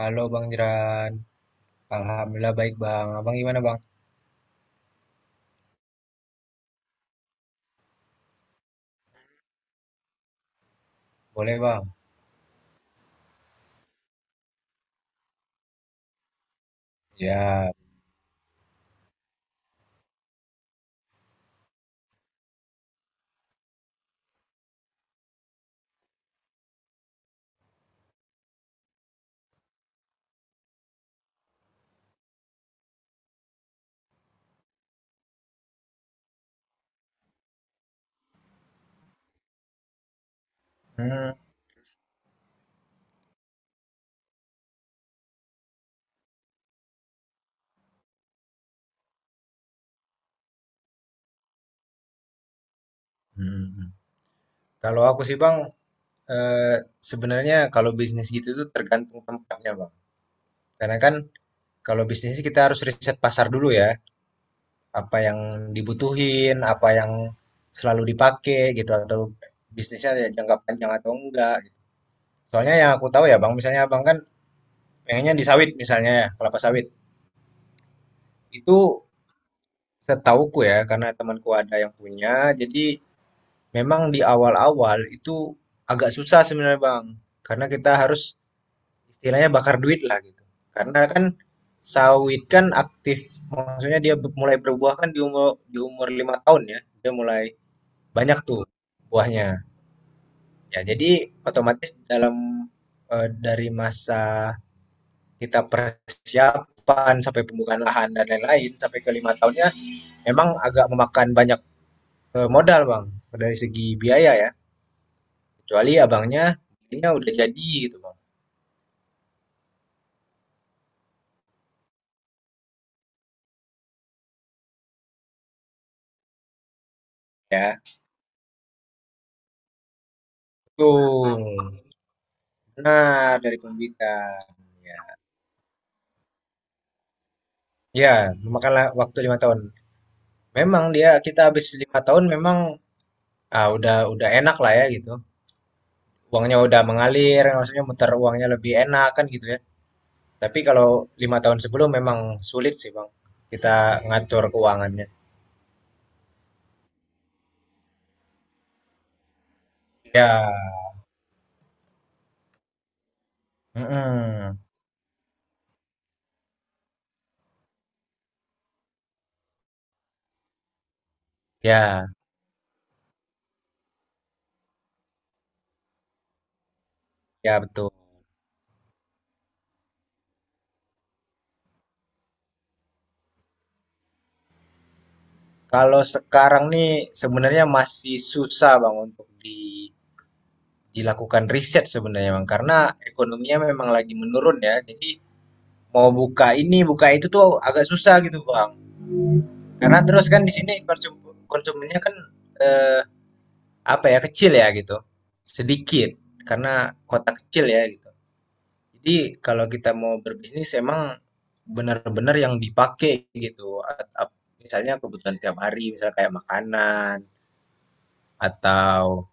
Halo Bang Jeran, alhamdulillah baik Bang. Abang gimana Bang? Boleh Bang? Ya. Hmm. Hmm. Hmm. Kalau aku sih Bang, eh, sebenarnya kalau bisnis gitu tuh tergantung tempatnya Bang. Karena kan kalau bisnis kita harus riset pasar dulu ya, apa yang dibutuhin, apa yang selalu dipakai gitu, atau bisnisnya ada jangka panjang atau enggak, gitu. Soalnya yang aku tahu ya Bang, misalnya Abang kan pengennya di sawit misalnya ya, kelapa sawit. Itu setauku ya, karena temanku ada yang punya, jadi memang di awal-awal itu agak susah sebenarnya Bang, karena kita harus istilahnya bakar duit lah gitu. Karena kan sawit kan aktif, maksudnya dia mulai berbuah kan di umur 5 tahun ya, dia mulai banyak tuh buahnya. Ya jadi otomatis dalam dari masa kita persiapan sampai pembukaan lahan dan lain-lain sampai ke lima tahunnya memang agak memakan banyak modal Bang dari segi biaya ya. Kecuali abangnya belinya udah jadi gitu, Bang, ya. Betul. Benar, dari pembibitan. Ya, ya memakanlah waktu 5 tahun. Memang dia kita habis 5 tahun memang udah enak lah ya gitu. Uangnya udah mengalir, maksudnya muter uangnya lebih enak kan gitu ya. Tapi kalau 5 tahun sebelum memang sulit sih, Bang. Kita ngatur keuangannya. Ya, mm-mm. Ya, ya betul. Kalau sekarang nih sebenarnya masih susah Bang untuk di dilakukan riset sebenarnya, Bang, karena ekonominya memang lagi menurun ya. Jadi mau buka ini, buka itu tuh agak susah gitu, Bang. Karena terus kan di sini konsumennya kan eh, apa ya, kecil ya gitu, sedikit karena kota kecil ya gitu. Jadi kalau kita mau berbisnis emang benar-benar yang dipakai gitu. Misalnya kebutuhan tiap hari, misalnya kayak makanan atau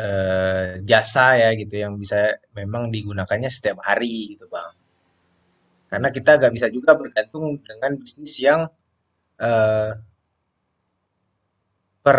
jasa ya gitu yang bisa memang digunakannya setiap hari gitu, Bang. Karena kita nggak bisa juga bergantung dengan bisnis yang eh, per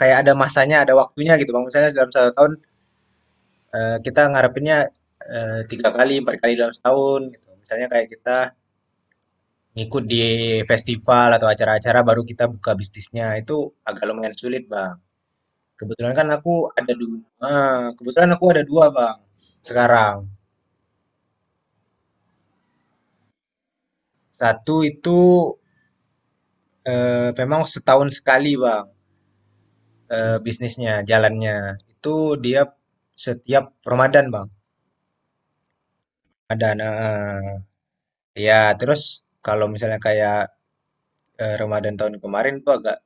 kayak ada masanya, ada waktunya gitu bang. Misalnya dalam satu tahun kita ngarepinnya 3 kali, 4 kali dalam setahun gitu. Misalnya kayak kita ngikut di festival atau acara-acara baru kita buka bisnisnya itu agak lumayan sulit bang. Kebetulan kan aku ada dua, kebetulan aku ada dua bang sekarang. Satu itu memang setahun sekali bang. Bisnisnya, jalannya. Itu dia setiap Ramadan, Bang. Ramadan, heeh. Iya, terus kalau misalnya kayak, Ramadan tahun kemarin tuh agak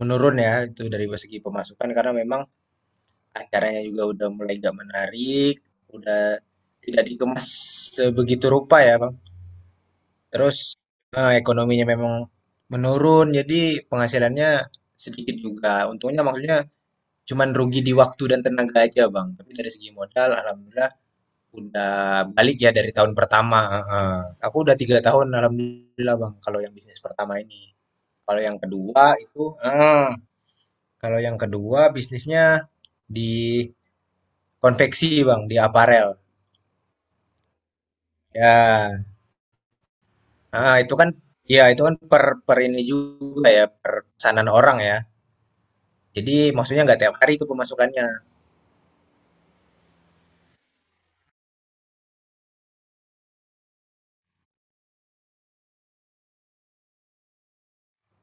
menurun ya, itu dari segi pemasukan karena memang acaranya juga udah mulai nggak menarik, udah tidak dikemas sebegitu rupa ya, Bang. Terus, ekonominya memang menurun, jadi penghasilannya sedikit juga. Untungnya maksudnya cuman rugi di waktu dan tenaga aja, Bang, tapi dari segi modal alhamdulillah udah balik ya dari tahun pertama, heeh. Aku udah 3 tahun alhamdulillah Bang, kalau yang bisnis pertama ini. Kalau yang kedua itu heeh, kalau yang kedua bisnisnya di konveksi Bang, di aparel. Ya, heeh, itu kan ya itu kan per per ini juga ya, per pesanan orang ya. Jadi maksudnya nggak tiap hari itu pemasukannya.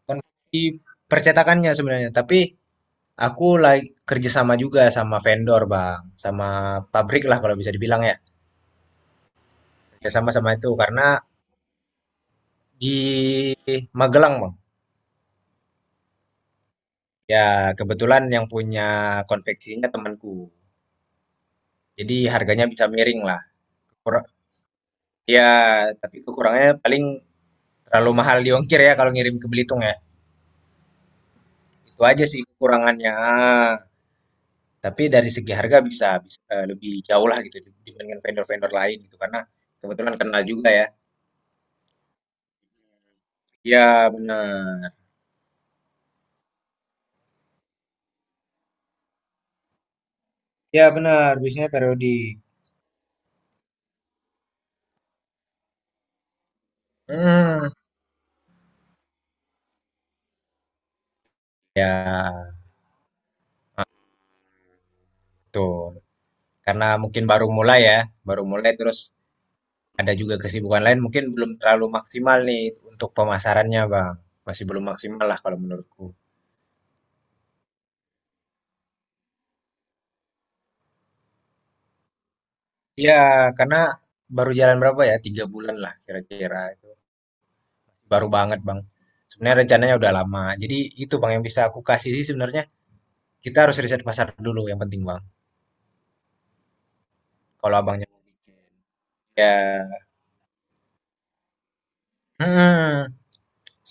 Konveksi percetakannya sebenarnya, tapi aku lagi kerjasama juga sama vendor Bang, sama pabrik lah kalau bisa dibilang ya. Ya sama-sama itu karena di Magelang, Bang. Ya kebetulan yang punya konveksinya temanku. Jadi harganya bisa miring lah. Kur- Ya, tapi kekurangannya paling terlalu mahal di ongkir ya kalau ngirim ke Belitung ya. Itu aja sih kekurangannya. Tapi dari segi harga bisa bisa lebih jauh lah gitu dibandingkan vendor-vendor lain gitu karena kebetulan kenal juga ya. Iya benar. Iya benar, bisnisnya periodik. Hmm. Ya, ah, betul. Karena mungkin baru mulai ya, baru mulai terus ada juga kesibukan lain mungkin belum terlalu maksimal nih untuk pemasarannya, Bang. Masih belum maksimal lah kalau menurutku. Iya, karena baru jalan berapa ya? 3 bulan lah kira-kira itu. Baru banget, Bang. Sebenarnya rencananya udah lama. Jadi itu, Bang, yang bisa aku kasih sih sebenarnya kita harus riset pasar dulu yang penting, Bang. Kalau abangnya ya. Hmm,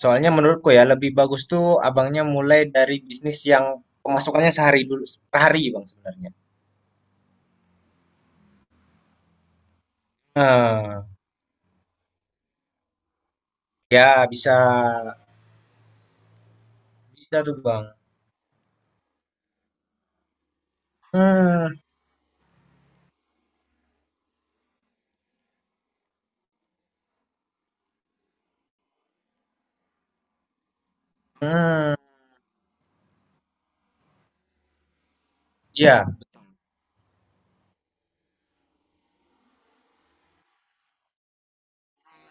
soalnya menurutku ya lebih bagus tuh abangnya mulai dari bisnis yang pemasukannya sehari dulu, per hari bang sebenarnya. Nah, ya bisa bisa tuh Bang. Hmm, hmm, ya.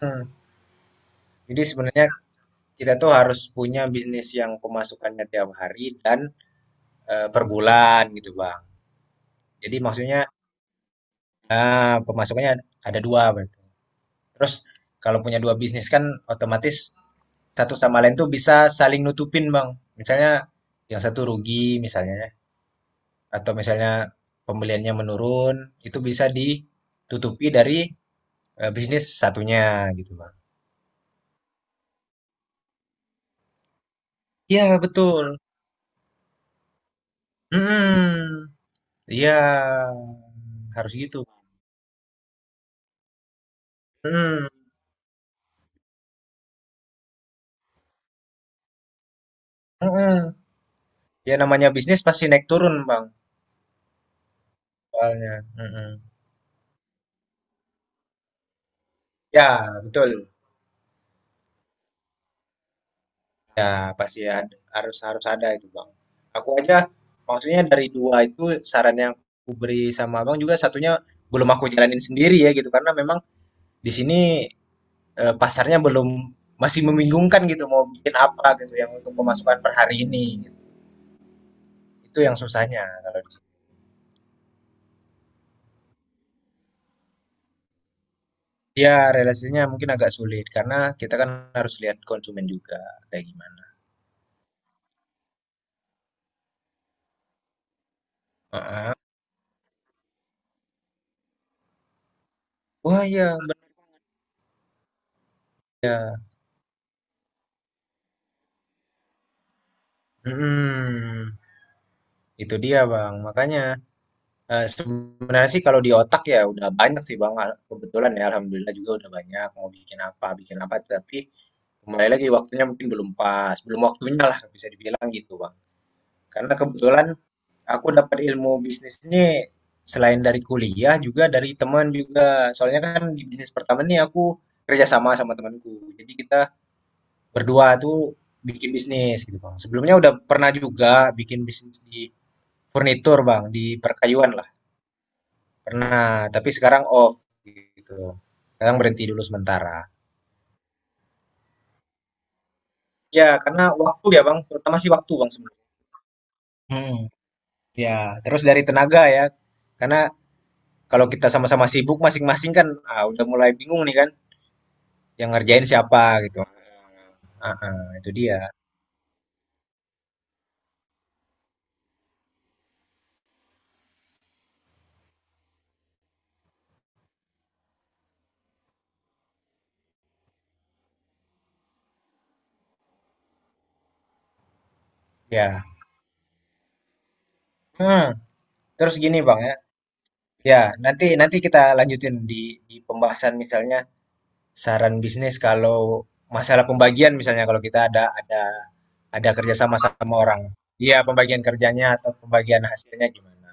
Hmm. Jadi sebenarnya kita tuh harus punya bisnis yang pemasukannya tiap hari dan per bulan gitu Bang. Jadi maksudnya pemasukannya ada dua berarti. Terus kalau punya dua bisnis kan otomatis satu sama lain tuh bisa saling nutupin Bang. Misalnya yang satu rugi misalnya atau misalnya pembeliannya menurun, itu bisa ditutupi dari bisnis satunya gitu bang. Iya betul. Mm-mm. Iya harus gitu. Mm-mm. Mm-mm. Ya namanya bisnis pasti naik turun bang. Soalnya. Mm-mm. Ya betul. Ya pasti ada, harus harus ada itu bang. Aku aja maksudnya dari dua itu saran yang aku beri sama abang juga satunya belum aku jalanin sendiri ya gitu karena memang di sini pasarnya belum masih membingungkan gitu mau bikin apa gitu yang untuk pemasukan per hari ini. Itu yang susahnya kalau di iya, realisasinya mungkin agak sulit karena kita kan harus lihat konsumen juga kayak gimana. Heeh. Wah, ya bener ya. Mhm, itu dia, Bang. Makanya, sebenarnya sih kalau di otak ya udah banyak sih, Bang, kebetulan ya alhamdulillah juga udah banyak mau bikin apa, tapi kembali lagi waktunya mungkin belum pas, belum waktunya lah bisa dibilang gitu, Bang. Karena kebetulan aku dapat ilmu bisnis ini selain dari kuliah juga dari teman juga. Soalnya kan di bisnis pertama nih aku kerja sama sama temanku. Jadi kita berdua tuh bikin bisnis gitu Bang. Sebelumnya udah pernah juga bikin bisnis di furnitur Bang, di perkayuan lah. Pernah, tapi sekarang off gitu. Sekarang berhenti dulu sementara. Ya, karena waktu ya Bang, terutama sih waktu Bang sebenarnya. Hmm, ya, terus dari tenaga ya. Karena kalau kita sama-sama sibuk masing-masing kan udah mulai bingung nih kan yang ngerjain siapa gitu. Heeh, itu dia. Ya. Hmm, terus gini Bang ya. Ya, nanti nanti kita lanjutin di pembahasan misalnya saran bisnis kalau masalah pembagian misalnya kalau kita ada ada kerjasama sama sama orang. Iya, pembagian kerjanya atau pembagian hasilnya gimana.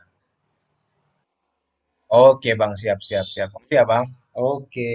Oke Bang, siap siap siap. Oke ya Bang. Oke.